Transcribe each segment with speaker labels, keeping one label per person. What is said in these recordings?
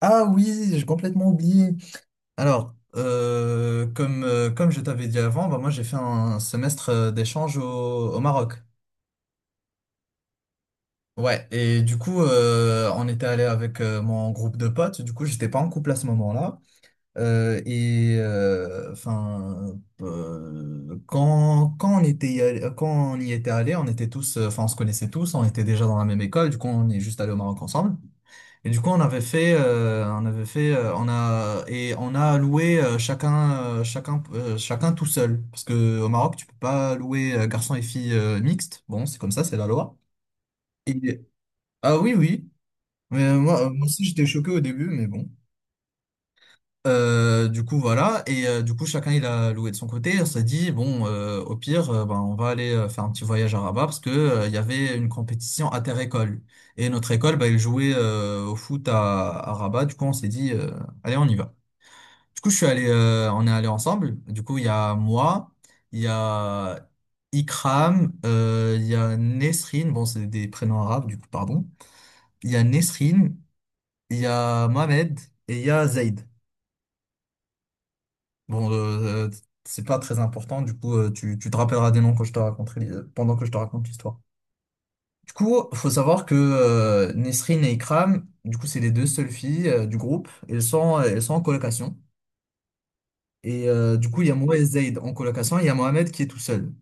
Speaker 1: Ah oui, j'ai complètement oublié. Alors, comme, comme je t'avais dit avant, bah, moi j'ai fait un semestre d'échange au Maroc. Ouais, et du coup, on était allé avec mon groupe de potes. Du coup, j'étais pas en couple à ce moment-là. Enfin, quand on était y allé- quand on y était allé, on était tous, enfin, on se connaissait tous, on était déjà dans la même école. Du coup, on est juste allé au Maroc ensemble. Et du coup, on avait fait, on a loué chacun, chacun tout seul. Parce que au Maroc, tu peux pas louer garçons et filles mixtes. Bon, c'est comme ça, c'est la loi. Et- ah oui, oui. Mais moi, moi aussi, j'étais choqué au début, mais bon. Du coup voilà, et du coup chacun il a loué de son côté. On s'est dit bon, au pire, ben, on va aller faire un petit voyage à Rabat, parce que il y avait une compétition inter-école, et notre école, ben, elle jouait au foot à Rabat. Du coup on s'est dit, allez, on y va. Du coup je suis allé on est allé ensemble. Du coup il y a moi, il y a Ikram, il y a Nesrine, bon c'est des prénoms arabes du coup, pardon. Il y a Nesrine, il y a Mohamed, et il y a Zaid. Bon, euh, euh, c'est pas très important, du coup, tu te rappelleras des noms quand je te raconterai, pendant que je te raconte l'histoire. Du coup, faut savoir que Nesrine et Ikram, du coup, c'est les deux seules filles du groupe. Elles sont en colocation. Et du coup, il y a moi et Zaid en colocation, et il y a Mohamed qui est tout seul.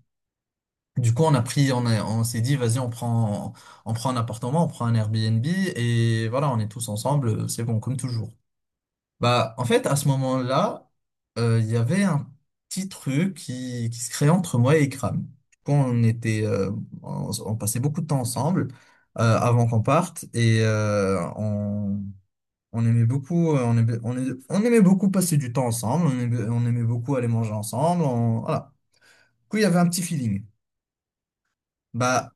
Speaker 1: Du coup, on a pris, on a, on s'est dit, vas-y, on prend un appartement, on prend un Airbnb, et voilà, on est tous ensemble, c'est bon, comme toujours. Bah, en fait, à ce moment-là, il y avait un petit truc qui se créait entre moi et Ikram. Quand on on passait beaucoup de temps ensemble avant qu'on parte, on aimait on aimait beaucoup passer du temps ensemble. On aimait beaucoup aller manger ensemble. Voilà. Du coup, il y avait un petit feeling. Bah,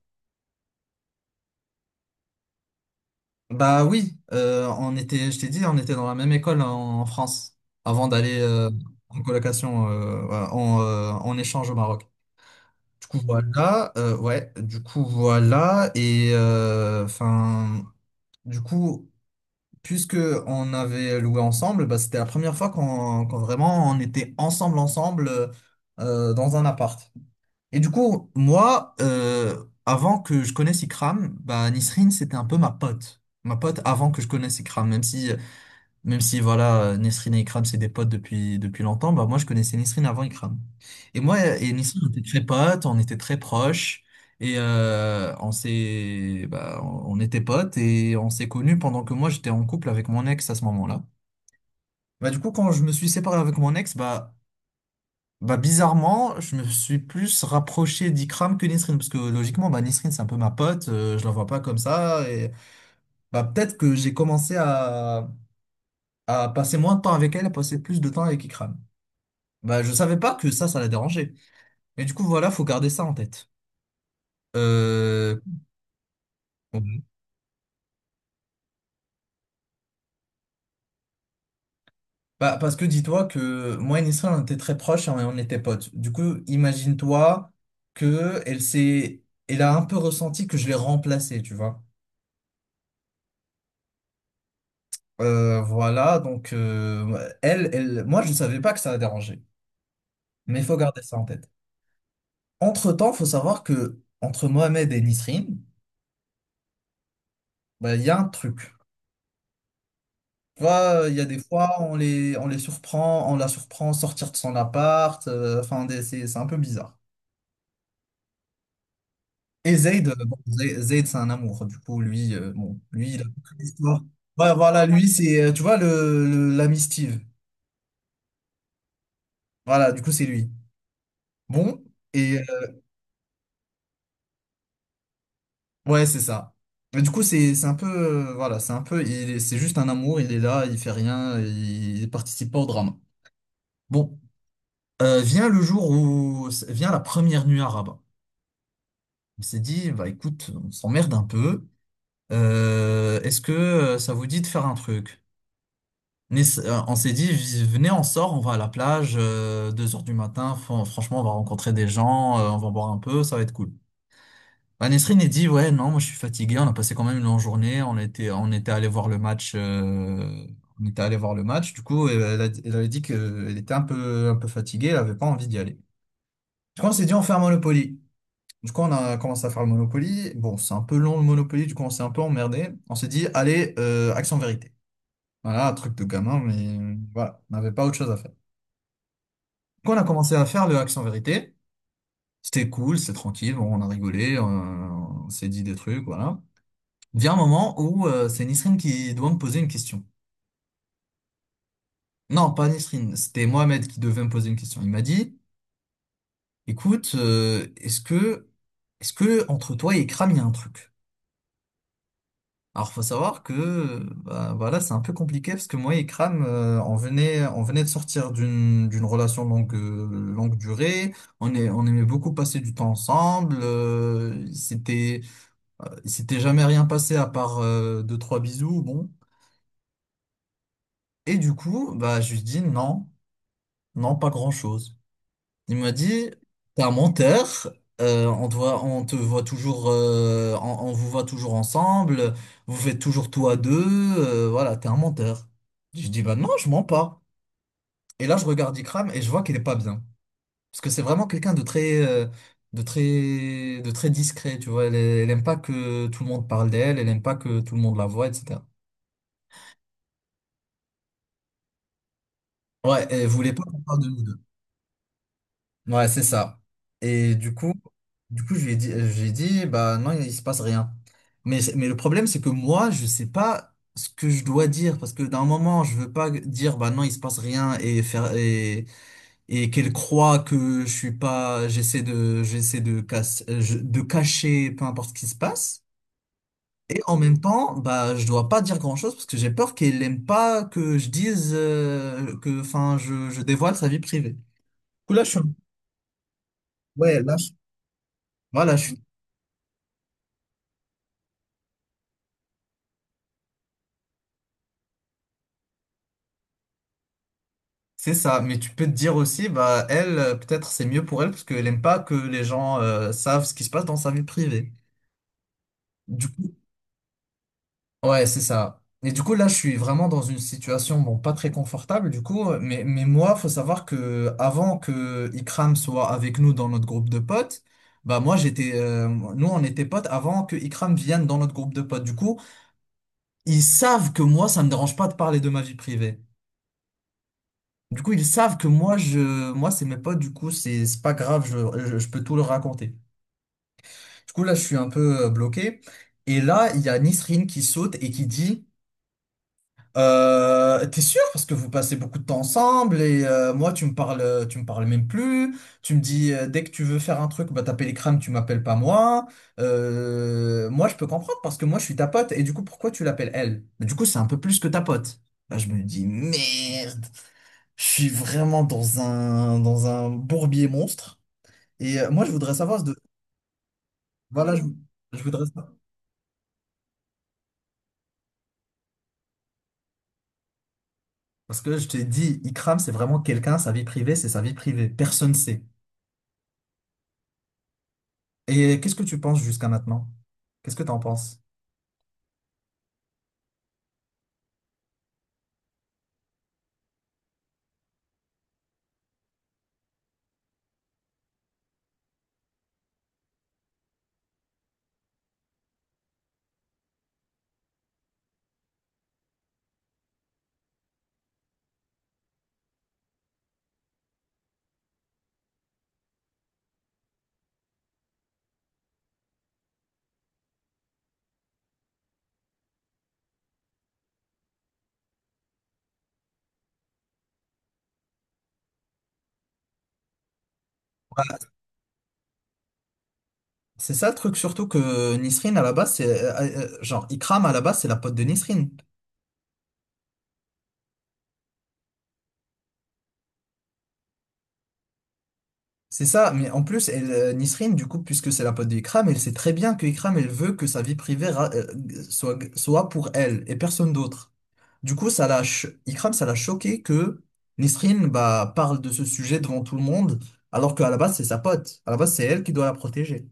Speaker 1: bah oui, on était, je t'ai dit, on était dans la même école en France avant d'aller en colocation, voilà, en échange au Maroc. Du coup voilà, ouais, du coup voilà, enfin, du coup, puisque on avait loué ensemble, bah, c'était la première fois qu'on vraiment on était ensemble, ensemble, dans un appart. Et du coup, moi, avant que je connaisse Ikram, bah, Nisrine, c'était un peu ma pote. Ma pote avant que je connaisse Ikram, même si voilà, Nesrine et Ikram, c'est des potes depuis, depuis longtemps, bah moi je connaissais Nesrine avant Ikram. Et moi et Nesrine, on était très potes, on était très proches, et on bah, on était potes et on s'est connus pendant que moi j'étais en couple avec mon ex à ce moment-là. Bah du coup, quand je me suis séparé avec mon ex, bah bizarrement, je me suis plus rapproché d'Ikram que Nesrine, parce que logiquement, bah Nesrine c'est un peu ma pote, je la vois pas comme ça, et bah peut-être que à passer moins de temps avec elle, à passer plus de temps avec Ikram. Bah, je savais pas que ça la dérangeait. Et du coup, voilà, faut garder ça en tête. Euh... bon. Bah, parce que dis-toi que moi et Nisrin, on était très proches et on était potes. Du coup, imagine-toi que elle a un peu ressenti que je l'ai remplacée, tu vois. Voilà, donc elle, moi, je savais pas que ça la dérangeait. Mais il faut garder ça en tête. Entre-temps, faut savoir que entre Mohamed et Nisrin, bah, il y a un truc. Tu vois, il y a des fois, on les surprend, on la surprend sortir de son appart. Enfin, c'est un peu bizarre. Et Zayd, bon, Zayd, c'est un amour. Du coup, lui, bon, lui, il a toute l'histoire. Ouais, voilà, lui, c'est, tu vois, l'ami Steve. Voilà, du coup, c'est lui. Bon, et euh, ouais, c'est ça. Mais du coup, c'est un peu, voilà, c'est un peu, c'est juste un amour. Il est là, il fait rien, il participe pas au drame. Bon, vient le jour où vient la première nuit arabe. On s'est dit, bah écoute, on s'emmerde un peu. Est-ce que ça vous dit de faire un truc? On s'est dit, venez, on sort, on va à la plage, 2 heures du matin, franchement, on va rencontrer des gens, on va boire un peu, ça va être cool. Bah, Nesrine a dit, ouais, non, moi je suis fatigué, on a passé quand même une longue journée, on était allé voir le match, du coup, elle avait dit qu'elle était un un peu fatiguée, elle avait pas envie d'y aller. Du coup, on s'est dit, on fait un Monopoly. Du coup, on a commencé à faire le Monopoly. Bon, c'est un peu long le Monopoly, du coup, on s'est un peu emmerdé. On s'est dit, allez, Action Vérité. Voilà, un truc de gamin, mais voilà, on n'avait pas autre chose à faire. Quand on a commencé à faire le Action Vérité, c'était cool, c'était tranquille, bon, on a rigolé, on s'est dit des trucs, voilà. Vient un moment où c'est Nisrine qui doit me poser une question. Non, pas Nisrine, c'était Mohamed qui devait me poser une question. Il m'a dit, écoute, est-ce que entre toi et Kram, il y a un truc? Alors, faut savoir que bah, voilà, c'est un peu compliqué parce que moi et Kram, on venait de sortir d'une relation longue, longue durée. On aimait beaucoup passer du temps ensemble. C'était, il s'était jamais rien passé à part deux, trois bisous, bon. Et du coup, bah, je lui dis non, non, pas grand-chose. Il m'a dit, t'es un menteur, on te voit toujours, on vous voit toujours ensemble, vous faites toujours tout à deux, voilà, t'es un menteur. Je dis, bah non, je mens pas. Et là, je regarde Ikram et je vois qu'il est pas bien. Parce que c'est vraiment quelqu'un de de très discret, tu vois. Elle, elle aime pas que tout le monde parle d'elle, elle aime pas que tout le monde la voit, etc. Ouais, elle voulait pas qu'on parle de nous. Ouais, c'est ça. Et du coup, je lui ai dit, bah non, il se passe rien. Mais, mais le problème, c'est que moi, je sais pas ce que je dois dire, parce que d'un moment, je veux pas dire, bah non, il se passe rien et et qu'elle croit que je suis pas, j'essaie de cacher peu importe ce qui se passe. Et en même temps, bah, je dois pas dire grand-chose parce que j'ai peur qu'elle aime pas que je dise enfin, je dévoile sa vie privée. Du coup, là, je suis... Ouais, là, je- voilà, je... C'est ça, mais tu peux te dire aussi, bah elle, peut-être c'est mieux pour elle parce qu'elle aime pas que les gens savent ce qui se passe dans sa vie privée. Du coup, ouais, c'est ça. Et du coup, là, je suis vraiment dans une situation, bon, pas très confortable, du coup, mais moi, faut savoir que avant que Ikram soit avec nous dans notre groupe de potes, bah moi, nous, on était potes avant que Ikram vienne dans notre groupe de potes. Du coup, ils savent que moi, ça me dérange pas de parler de ma vie privée. Du coup, ils savent que moi, c'est mes potes, du coup, c'est pas grave, je peux tout leur raconter. Du coup, là, je suis un peu bloqué. Et là, il y a Nisrine qui saute et qui dit, t'es sûr? Parce que vous passez beaucoup de temps ensemble et moi, tu me parles même plus. Tu me dis, dès que tu veux faire un truc, bah, t'appelles les crânes, tu m'appelles pas moi. Moi, je peux comprendre parce que moi, je suis ta pote. Et du coup, pourquoi tu l'appelles elle? Mais du coup, c'est un peu plus que ta pote. Là, je me dis, merde. Je suis vraiment dans un bourbier monstre. Et moi, je voudrais savoir, voilà, je voudrais savoir. Parce que je t'ai dit, Ikram, c'est vraiment quelqu'un, sa vie privée, c'est sa vie privée. Personne sait. Et qu'est-ce que tu penses jusqu'à maintenant? Qu'est-ce que t'en penses? C'est ça le truc, surtout que Nisrine, à la base, c'est. Genre, Ikram, à la base, c'est la pote de Nisrine. C'est ça, mais en plus, Nisrine, du coup, puisque c'est la pote d'Ikram, elle sait très bien que Ikram, elle veut que sa vie privée soit, soit pour elle et personne d'autre. Du coup, Ikram, ça l'a choqué que Nisrine bah, parle de ce sujet devant tout le monde, alors qu'à la base, c'est sa pote. À la base, c'est elle qui doit la protéger.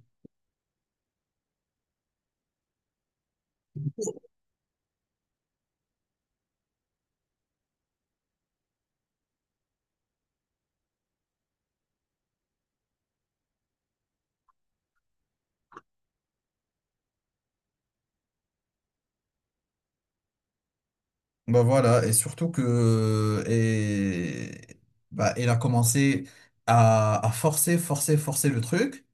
Speaker 1: Bah voilà, et surtout que. Et. Bah, elle a commencé à forcer, forcer, forcer le truc.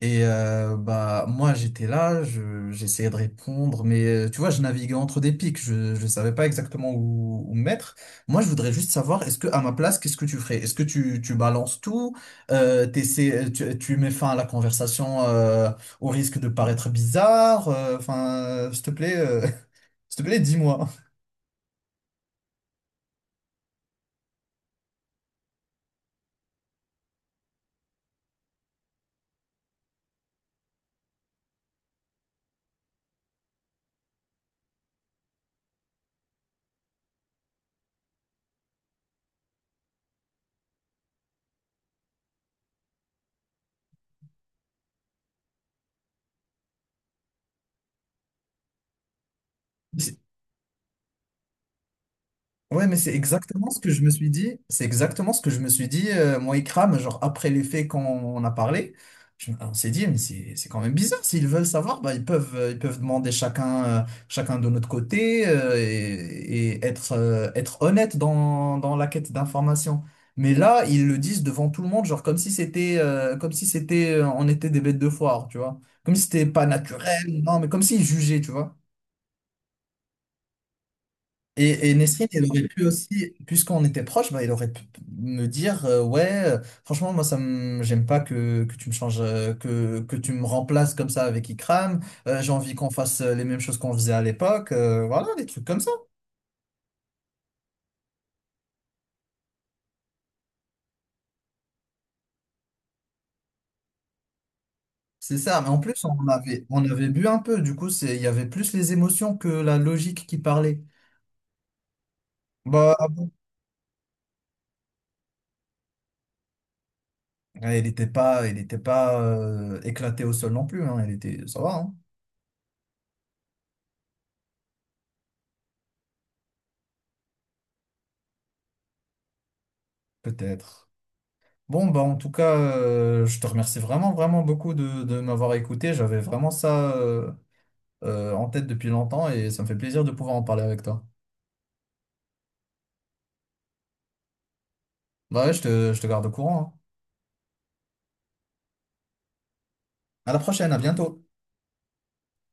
Speaker 1: Et bah moi j'étais là, j'essayais de répondre, mais tu vois je naviguais entre des pics, je savais pas exactement où, où me mettre. Moi je voudrais juste savoir est-ce que à ma place qu'est-ce que tu ferais? Est-ce que tu balances tout, tu mets fin à la conversation au risque de paraître bizarre, s'il te plaît s'il te plaît dis-moi. Ouais, mais c'est exactement ce que je me suis dit. C'est exactement ce que je me suis dit, moi, Ikram, genre après les faits qu'on on a parlé. On s'est dit, mais c'est quand même bizarre. S'ils veulent savoir, bah, ils peuvent demander chacun, chacun de notre côté et être, être honnête dans, dans la quête d'informations. Mais là, ils le disent devant tout le monde, genre comme si c'était, on était des bêtes de foire, tu vois. Comme si c'était pas naturel, non, mais comme s'ils jugeaient, tu vois. Et Nesrine, il aurait pu aussi, puisqu'on était proche, bah, il aurait pu me dire, ouais, franchement, j'aime pas que, que tu me changes, que tu me remplaces comme ça avec Ikram. J'ai envie qu'on fasse les mêmes choses qu'on faisait à l'époque. Voilà, des trucs comme ça. C'est ça. Mais en plus, on avait bu un peu. Du coup, il y avait plus les émotions que la logique qui parlait. Bah, ah bon. Ouais, il était pas éclaté au sol non plus, hein. Il était, ça va, hein, peut-être. Bon, bah, en tout cas, je te remercie vraiment, vraiment beaucoup de m'avoir écouté. J'avais vraiment ça en tête depuis longtemps et ça me fait plaisir de pouvoir en parler avec toi. Bah ouais, je te garde au courant, hein. À la prochaine, à bientôt.